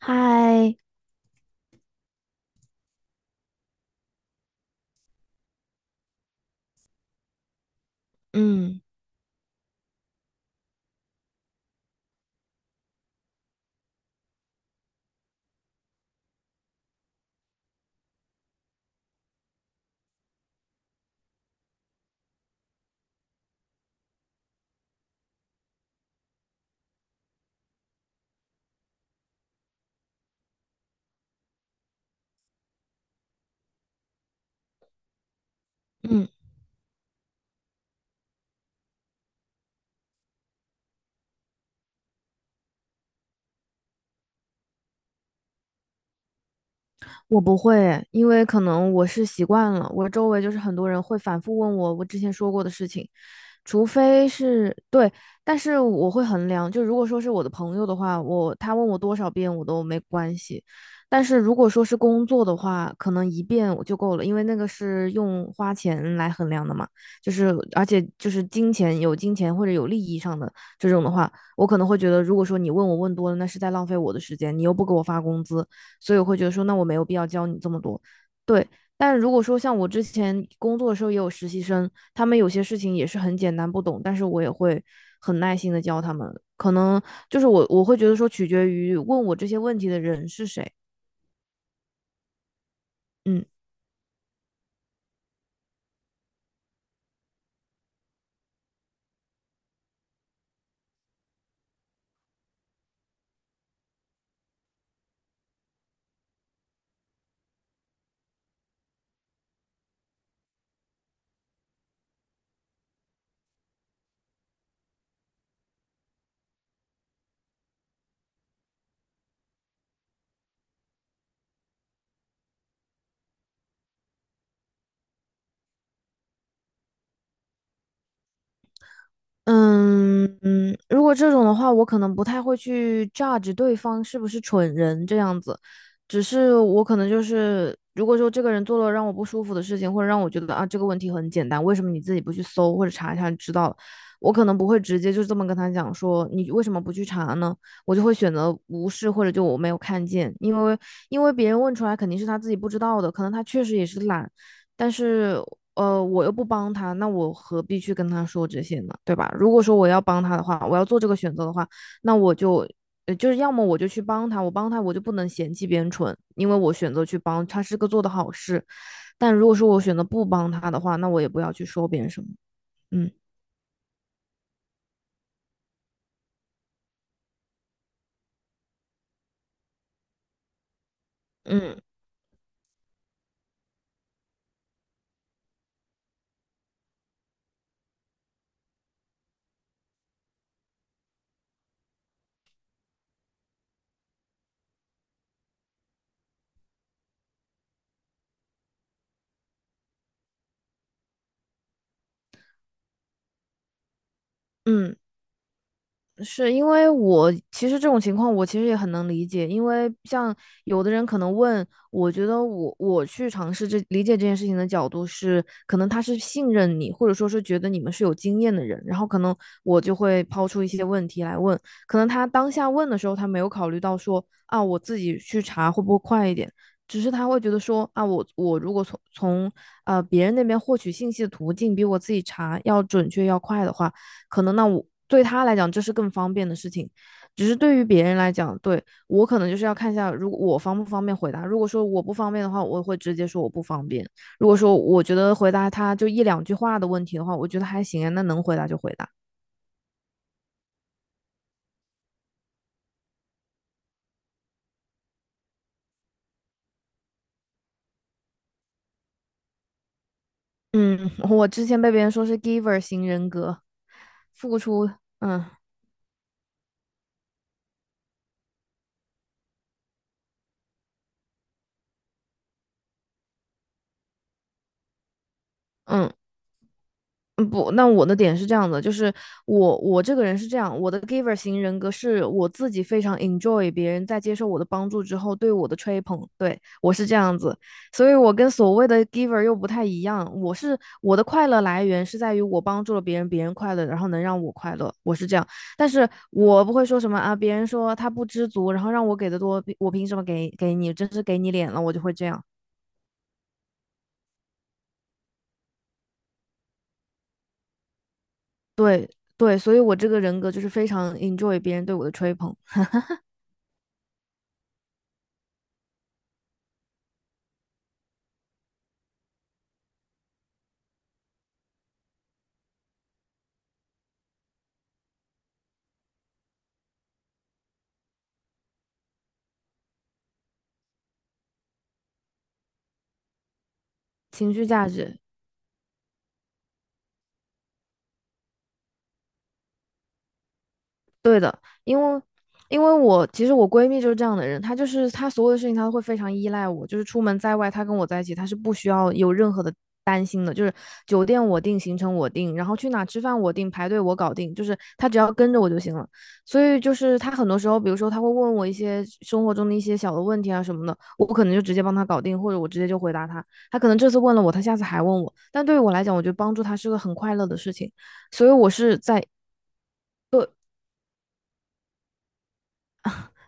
嗨，嗯嗯，我不会，因为可能我是习惯了，我周围就是很多人会反复问我我之前说过的事情，除非是对，但是我会衡量，就如果说是我的朋友的话，他问我多少遍我都没关系，但是如果说是工作的话，可能一遍我就够了，因为那个是用花钱来衡量的嘛，就是而且就是金钱或者有利益上的这种的话，我可能会觉得，如果说你问我问多了，那是在浪费我的时间，你又不给我发工资，所以我会觉得说，那我没有必要教你这么多。对，但如果说像我之前工作的时候也有实习生，他们有些事情也是很简单不懂，但是我也会很耐心的教他们。可能就是我会觉得说取决于问我这些问题的人是谁，嗯。嗯嗯，如果这种的话，我可能不太会去 judge 对方是不是蠢人这样子，只是我可能就是，如果说这个人做了让我不舒服的事情，或者让我觉得啊这个问题很简单，为什么你自己不去搜或者查一下就知道了？我可能不会直接就这么跟他讲说你为什么不去查呢？我就会选择无视或者就我没有看见，因为因为别人问出来肯定是他自己不知道的，可能他确实也是懒，但是我又不帮他，那我何必去跟他说这些呢？对吧？如果说我要帮他的话，我要做这个选择的话，那我就，就是要么我就去帮他，我帮他我就不能嫌弃别人蠢，因为我选择去帮他是个做的好事。但如果说我选择不帮他的话，那我也不要去说别人什么。嗯嗯嗯。是因为我其实这种情况，我其实也很能理解，因为像有的人可能问，我觉得我去尝试这理解这件事情的角度是，可能他是信任你，或者说是觉得你们是有经验的人，然后可能我就会抛出一些问题来问，可能他当下问的时候，他没有考虑到说啊，我自己去查会不会快一点，只是他会觉得说啊，我我如果从呃别人那边获取信息的途径比我自己查要准确要快的话。可能那我对他来讲这是更方便的事情，只是对于别人来讲，对我可能就是要看一下，如果我方不方便回答。如果说我不方便的话，我会直接说我不方便。如果说我觉得回答他就一两句话的问题的话，我觉得还行啊，那能回答就回答。嗯，我之前被别人说是 giver 型人格，付出，嗯嗯。嗯，不，那我的点是这样的，就是我这个人是这样，我的 giver 型人格是我自己非常 enjoy 别人在接受我的帮助之后对我的吹捧，对，我是这样子，所以我跟所谓的 giver 又不太一样，我是我的快乐来源是在于我帮助了别人，别人快乐，然后能让我快乐，我是这样，但是我不会说什么啊，别人说他不知足，然后让我给的多，我凭什么给你，真是给你脸了，我就会这样，对对，所以我这个人格就是非常 enjoy 别人对我的吹捧。情绪价值，对的，因为因为我其实我闺蜜就是这样的人，她就是她所有的事情她都会非常依赖我，就是出门在外，她跟我在一起，她是不需要有任何的担心的，就是酒店我定，行程我定，然后去哪吃饭我定，排队我搞定，就是她只要跟着我就行了。所以就是她很多时候，比如说她会问我一些生活中的一些小的问题啊什么的，我不可能就直接帮她搞定，或者我直接就回答她。她可能这次问了我，她下次还问我，但对于我来讲，我觉得帮助她是个很快乐的事情。所以我是在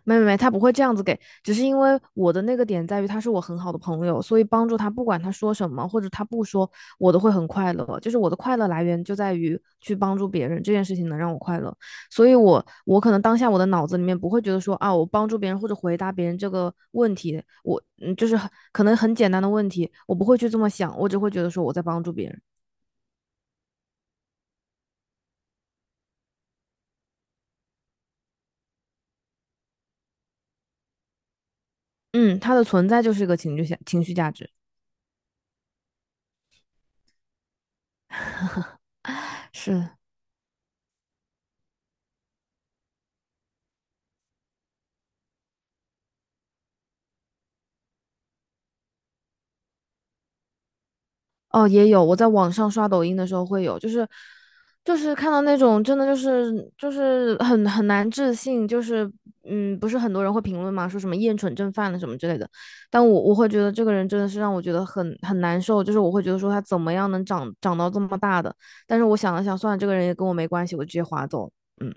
没没没，他不会这样子给，只是因为我的那个点在于他是我很好的朋友，所以帮助他，不管他说什么或者他不说，我都会很快乐。就是我的快乐来源就在于去帮助别人这件事情能让我快乐，所以我可能当下我的脑子里面不会觉得说啊，我帮助别人或者回答别人这个问题，我嗯就是很可能很简单的问题，我不会去这么想，我只会觉得说我在帮助别人。嗯，他的存在就是一个情绪价值，是哦，也有，我在网上刷抖音的时候会有，就是就是看到那种真的就是就是很很难置信，就是嗯，不是很多人会评论嘛，说什么厌蠢症犯了什么之类的，但我会觉得这个人真的是让我觉得很很难受，就是我会觉得说他怎么样能长到这么大的，但是我想了想，算了，这个人也跟我没关系，我直接划走了，嗯。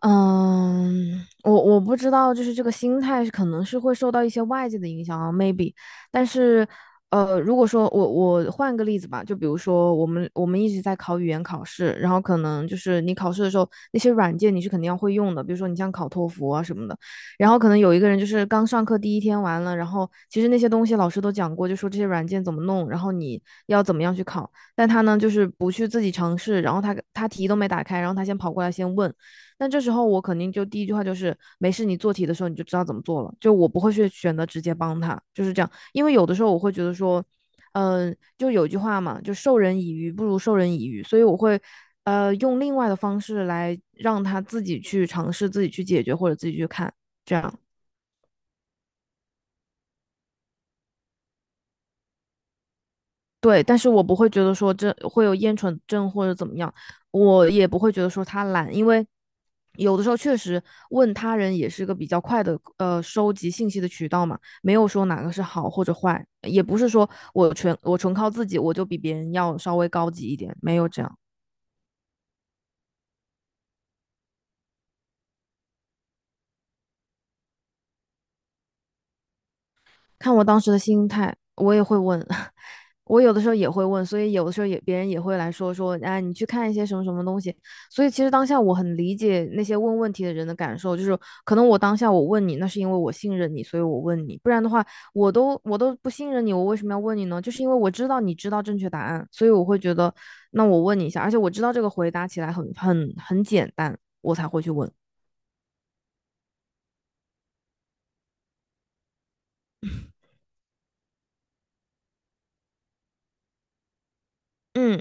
嗯，我不知道，就是这个心态是可能是会受到一些外界的影响啊，maybe。但是，如果说我换个例子吧，就比如说我们一直在考语言考试，然后可能就是你考试的时候那些软件你是肯定要会用的，比如说你像考托福啊什么的。然后可能有一个人就是刚上课第一天完了，然后其实那些东西老师都讲过，就说这些软件怎么弄，然后你要怎么样去考，但他呢就是不去自己尝试，然后他题都没打开，然后他先跑过来先问。但这时候我肯定就第一句话就是没事，你做题的时候你就知道怎么做了，就我不会去选择直接帮他，就是这样。因为有的时候我会觉得说，就有句话嘛，就授人以鱼不如授人以渔，所以我会。用另外的方式来让他自己去尝试、自己去解决或者自己去看，这样。对，但是我不会觉得说这会有厌蠢症或者怎么样，我也不会觉得说他懒，因为有的时候确实问他人也是个比较快的呃收集信息的渠道嘛，没有说哪个是好或者坏，也不是说我纯靠自己我就比别人要稍微高级一点，没有这样。看我当时的心态，我也会问，我有的时候也会问，所以有的时候也别人也会来说说，哎，你去看一些什么什么东西。所以其实当下我很理解那些问问题的人的感受，就是可能我当下我问你，那是因为我信任你，所以我问你，不然的话，我都不信任你，我为什么要问你呢？就是因为我知道你知道正确答案，所以我会觉得，那我问你一下，而且我知道这个回答起来很很简单，我才会去问。嗯。